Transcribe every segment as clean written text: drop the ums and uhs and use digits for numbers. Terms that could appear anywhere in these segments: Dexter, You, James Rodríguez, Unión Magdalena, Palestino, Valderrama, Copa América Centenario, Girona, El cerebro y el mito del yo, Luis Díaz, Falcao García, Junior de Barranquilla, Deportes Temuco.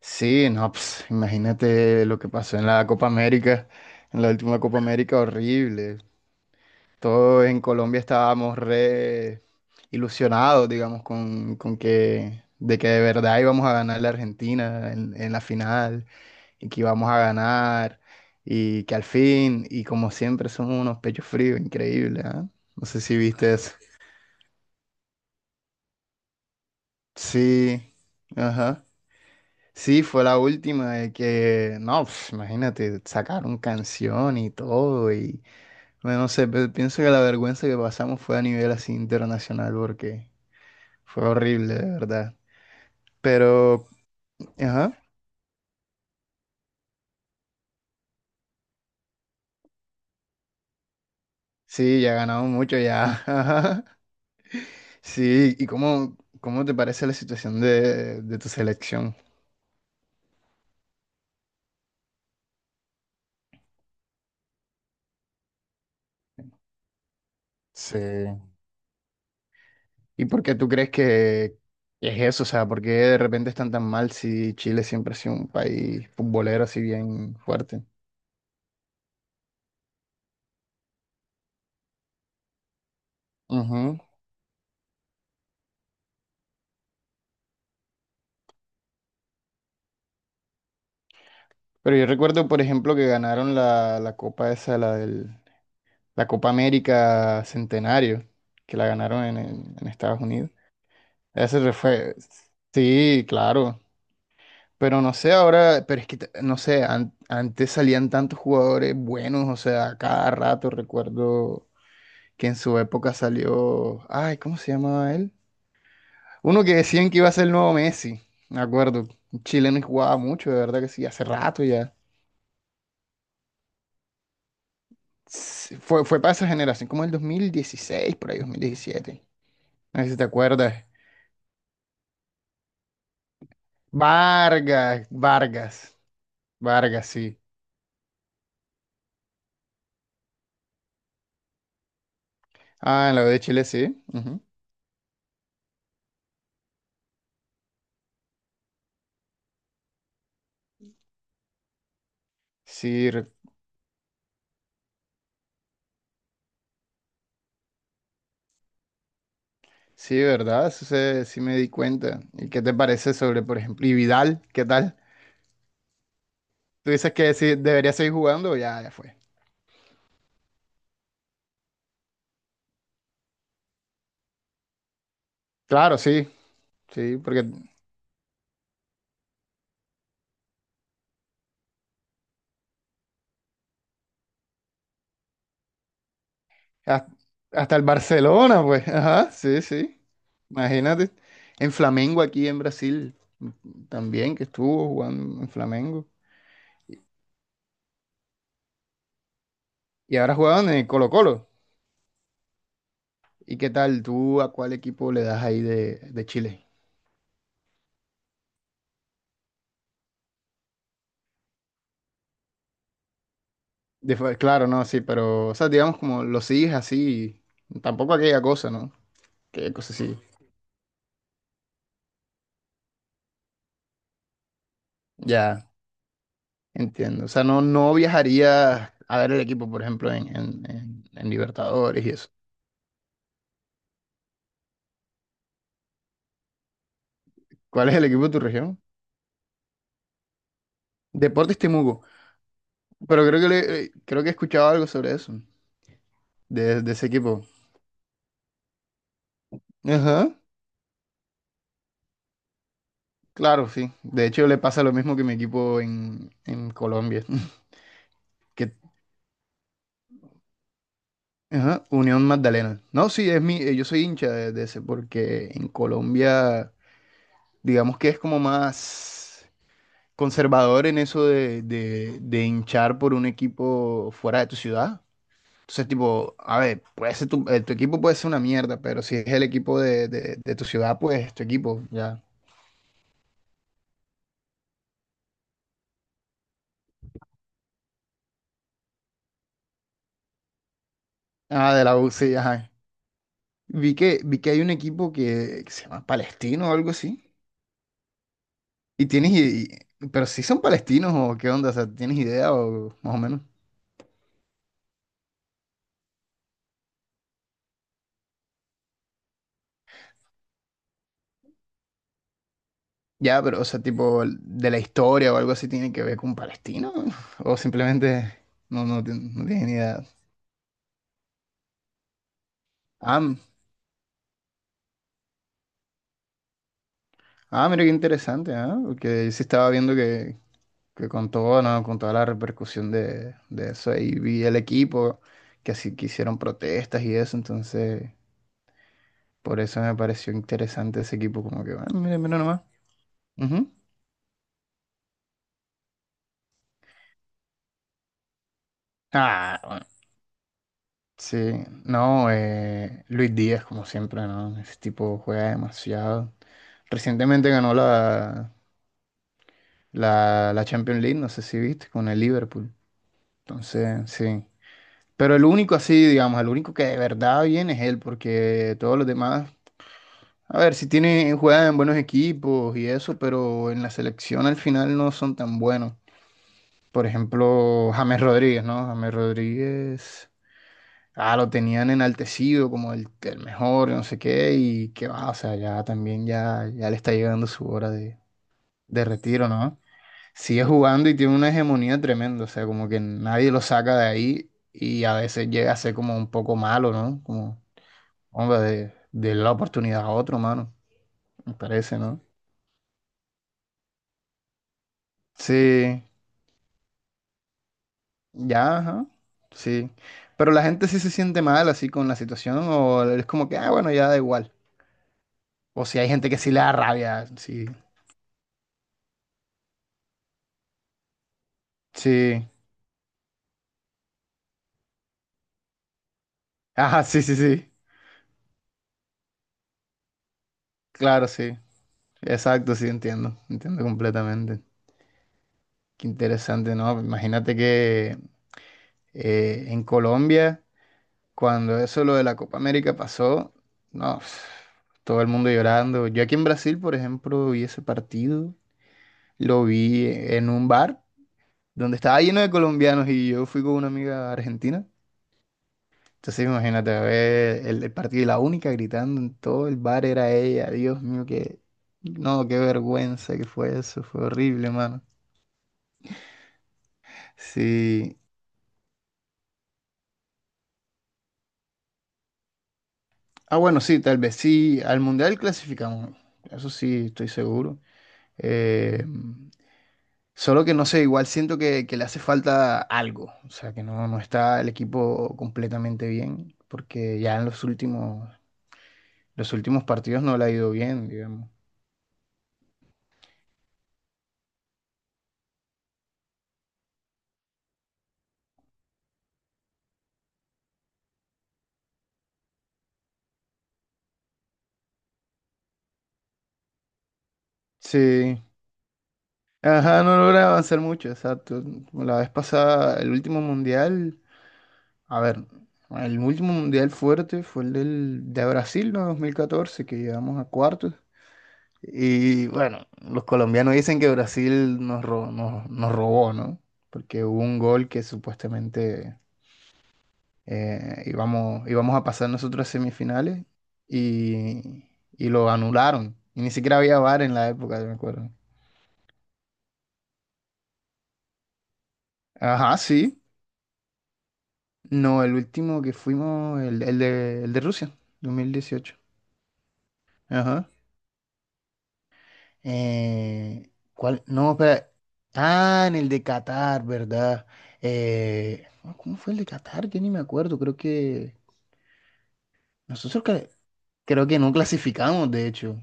Sí, no, pues, imagínate lo que pasó en la Copa América, en la última Copa América, horrible. Todos en Colombia estábamos re ilusionados, digamos, con que de verdad íbamos a ganar la Argentina en la final y que íbamos a ganar y que al fin, y como siempre, somos unos pechos fríos, increíble, No sé si viste eso. Sí, ajá. Sí, fue la última de que, no, pf, imagínate, sacaron canción y todo y bueno, no sé, pienso que la vergüenza que pasamos fue a nivel así internacional porque fue horrible, de verdad. Pero, ajá, sí, ya ganamos mucho, ya. ajá. Sí, ¿y cómo te parece la situación de tu selección? Sí. ¿Y por qué tú crees que es eso? O sea, ¿por qué de repente están tan mal si Chile siempre ha sido un país futbolero así bien fuerte? Ujú. Pero yo recuerdo, por ejemplo, que ganaron la copa esa, la Copa América Centenario, que la ganaron en Estados Unidos. Fue, sí, claro. Pero no sé ahora, pero es que, no sé, antes salían tantos jugadores buenos, o sea, a cada rato recuerdo que en su época salió, ay, ¿cómo se llamaba él? Uno que decían que iba a ser el nuevo Messi, me acuerdo. Un chileno y jugaba mucho, de verdad que sí, hace rato ya. Sí, fue para esa generación, como el 2016, por ahí 2017. No sé si te acuerdas. Vargas, Vargas, sí. Ah, en la U de Chile, sí. ujú. Sí, r- sí, ¿verdad? Sí me di cuenta. ¿Y qué te parece sobre, por ejemplo, y Vidal? ¿Qué tal? ¿Tú dices que sí, debería seguir jugando? Ya fue. Claro, sí, sí, porque Has- hasta el Barcelona, pues. Ajá, sí, sí. Imagínate. En Flamengo aquí en Brasil, también que estuvo jugando en Flamengo. Y ahora jugaban en el Colo-Colo. ¿Y qué tal? ¿Tú a cuál equipo le das ahí de Chile? Claro, no, sí, pero, o sea, digamos como lo sigues así, tampoco aquella cosa, ¿no? Aquella cosa así. Ya, entiendo. O sea, no, no viajarías a ver el equipo, por ejemplo, en Libertadores y eso. ¿Cuál es el equipo de tu región? Deportes Temuco. Pero creo que, creo que he escuchado algo sobre eso, de ese equipo. Ajá, claro, sí. De hecho, le pasa lo mismo que mi equipo en Colombia, que ajá, Unión Magdalena. No, sí, es mi, yo soy hincha de ese, porque en Colombia, digamos que es como más conservador en eso de hinchar por un equipo fuera de tu ciudad. Entonces, tipo, a ver, puede ser tu, tu equipo puede ser una mierda, pero si es el equipo de tu ciudad, pues es tu equipo, ya. Ah, de la U, sí, ajá. Vi que hay un equipo que se llama Palestino o algo así. Y tienes, i- pero si son palestinos o qué onda, o sea, ¿tienes idea o más o menos? Ya, pero, o sea, tipo, de la historia o algo así tiene que ver con Palestino o simplemente no tienes ni idea. Ah, m- ah, mira qué interesante, ¿ah? Porque yo sí estaba viendo que con todo, ¿no? Con toda la repercusión de eso, ahí vi el equipo, que así que hicieron protestas y eso, entonces. Por eso me pareció interesante ese equipo, como que, bueno, mira, mira nomás. Ujú. Ah, bueno. Sí, no, Luis Díaz, como siempre, ¿no? Ese tipo juega demasiado. Recientemente ganó la Champions League, no sé si viste, con el Liverpool. Entonces, sí. Pero el único así, digamos, el único que de verdad viene es él, porque todos los demás, a ver, si tiene, juegan en buenos equipos y eso, pero en la selección al final no son tan buenos. Por ejemplo, James Rodríguez, ¿no? James Rodríguez, ah, lo tenían enaltecido como el mejor, no sé qué, y qué va, o sea, ya también ya, ya le está llegando su hora de retiro, ¿no? Sigue jugando y tiene una hegemonía tremenda, o sea, como que nadie lo saca de ahí y a veces llega a ser como un poco malo, ¿no? Como, hombre, de la oportunidad a otro, mano, me parece, ¿no? Sí, Ya, ajá, sí. Pero la gente sí se siente mal así con la situación o es como que, ah, bueno, ya da igual. O si hay gente que sí le da rabia, sí. Sí. Ajá, sí, sí, sí. Claro, sí. Exacto, sí, entiendo. Entiendo completamente. Qué interesante, ¿no? Imagínate que en Colombia, cuando eso lo de la Copa América pasó, no, pf, todo el mundo llorando. Yo aquí en Brasil, por ejemplo, vi ese partido, lo vi en un bar, donde estaba lleno de colombianos y yo fui con una amiga argentina. Entonces imagínate, a ver el partido y la única gritando en todo el bar era ella. Dios mío, qué, no, qué vergüenza que fue eso, fue horrible, mano. Sí. Ah, bueno, sí, tal vez sí, al Mundial clasificamos, eso sí, estoy seguro. Eh, solo que no sé, igual siento que le hace falta algo, o sea, que no, no está el equipo completamente bien, porque ya en los últimos Los últimos partidos no le ha ido bien, digamos. Sí. Ajá, no logra avanzar mucho, exacto. La vez pasada, el último mundial, a ver, el último mundial fuerte fue de Brasil, ¿no? 2014, que llegamos a cuartos. Y bueno, los colombianos dicen que Brasil nos, nos robó, ¿no? Porque hubo un gol que supuestamente íbamos a pasar nosotros a semifinales y, y lo anularon. Y ni siquiera había VAR en la época, me acuerdo. Ajá, sí. No, el último que fuimos, el de Rusia, 2018. Ajá. ¿Cuál? No, espera. Ah, en el de Qatar, ¿verdad? Ah, ¿cómo fue el de Qatar? Yo ni me acuerdo. Creo que nosotros cre- creo que no clasificamos, de hecho.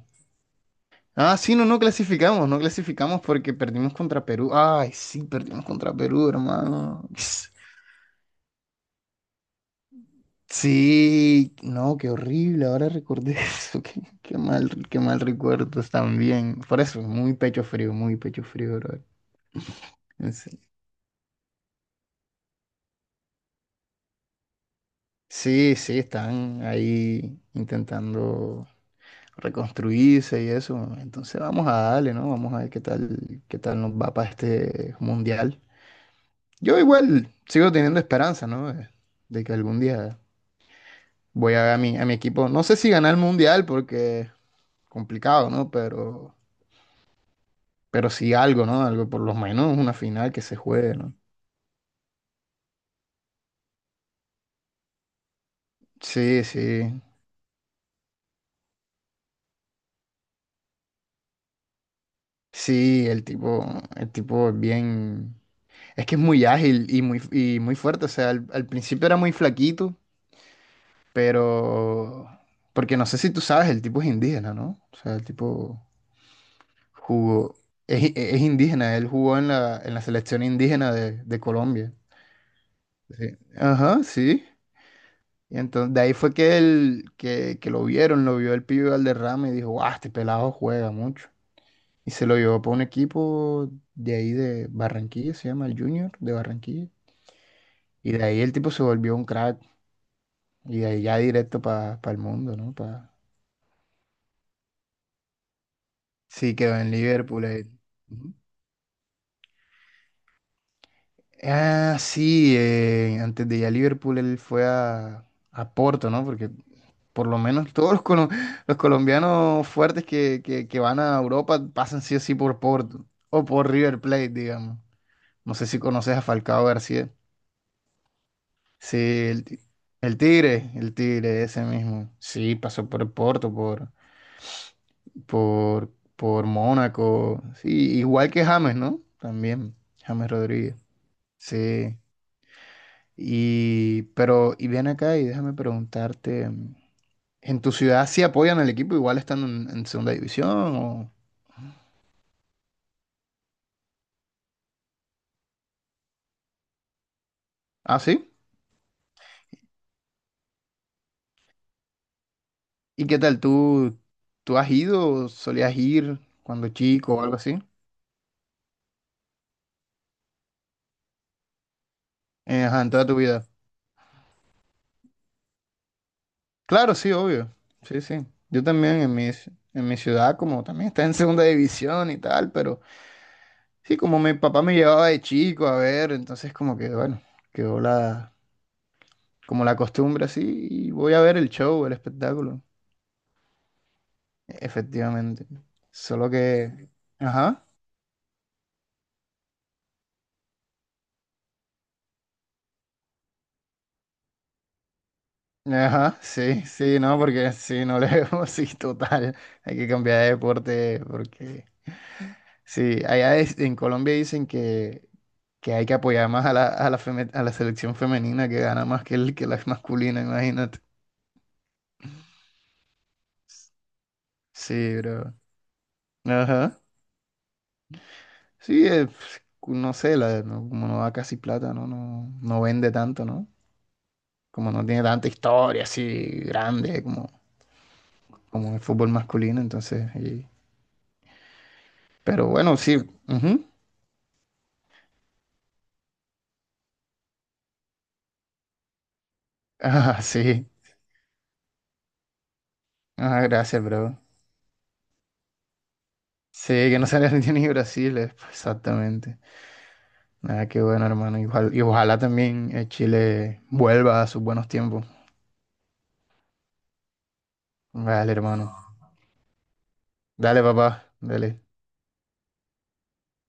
Ah, sí, no, no clasificamos, no clasificamos porque perdimos contra Perú. Ay, sí, perdimos contra Perú, hermano. Yes. Sí, no, qué horrible, ahora recordé eso, qué, qué mal recuerdos también. Por eso, muy pecho frío, bro. En se- Sí, sí, están ahí intentando reconstruirse y eso. Entonces vamos a darle, ¿no? Vamos a ver qué tal nos va para este mundial. Yo igual sigo teniendo esperanza, ¿no? De que algún día voy a ver a mi equipo. No sé si ganar el mundial porque complicado, ¿no? Pero sí algo, ¿no? Algo, por lo menos una final que se juegue, ¿no? Sí, sí. Sí, el tipo es bien. Es que es muy ágil y muy fuerte. O sea, al principio era muy flaquito, pero. Porque no sé si tú sabes, el tipo es indígena, ¿no? O sea, el tipo jugó. Es, es indígena, él jugó en la selección indígena de Colombia. Sí. Ajá, sí. Y entonces de ahí fue que él, que lo vieron, lo vio el pibe Valderrama y dijo, guau, este pelado juega mucho. Y se lo llevó para un equipo de ahí de Barranquilla, se llama el Junior de Barranquilla. Y de ahí el tipo se volvió un crack. Y de ahí ya directo para el mundo, ¿no? Pa... Sí, quedó en Liverpool. Él. Ujú. Ah, sí, antes de ir a Liverpool él fue a Porto, ¿no? Porque por lo menos todos los, los colombianos fuertes que van a Europa pasan sí o sí por Porto. O por River Plate, digamos. No sé si conoces a Falcao García. Sí, el, el Tigre, ese mismo. Sí, pasó por el Porto, por, por Mónaco. Sí, igual que James, ¿no? También, James Rodríguez. Sí. Y, pero, y ven acá y déjame preguntarte, mm, ¿en tu ciudad sí apoyan al equipo? Igual están en segunda división o... Ah, sí. ¿Y qué tal? ¿Tú has ido o solías ir cuando chico o algo así? Ajá, en toda tu vida. Claro, sí, obvio. Sí, sí. Yo también en mi, en mi ciudad, como también está en segunda división y tal, pero sí, como mi papá me llevaba de chico a ver, entonces como que, bueno, quedó la, como la costumbre así y voy a ver el show, el espectáculo, efectivamente. Solo que, ajá, ajá, sí, sí, no, porque sí, no le veo así total. Hay que cambiar de deporte porque... Sí, allá en Colombia dicen que hay que apoyar más a la, a la selección femenina que gana más que, que la masculina, imagínate. Sí, bro. Ajá. Sí, pf, no sé, la, como no da casi plata, ¿no? No, no vende tanto, ¿no? Como no tiene tanta historia así grande como, como el fútbol masculino, entonces. Y- Pero bueno, sí. ujú. Ah, sí. Ah, gracias, bro. Sí, que no sale Argentina ni Brasil, exactamente. Ah, qué bueno, hermano. Y ojalá también Chile vuelva a sus buenos tiempos. Vale, hermano. Dale, papá. Dale.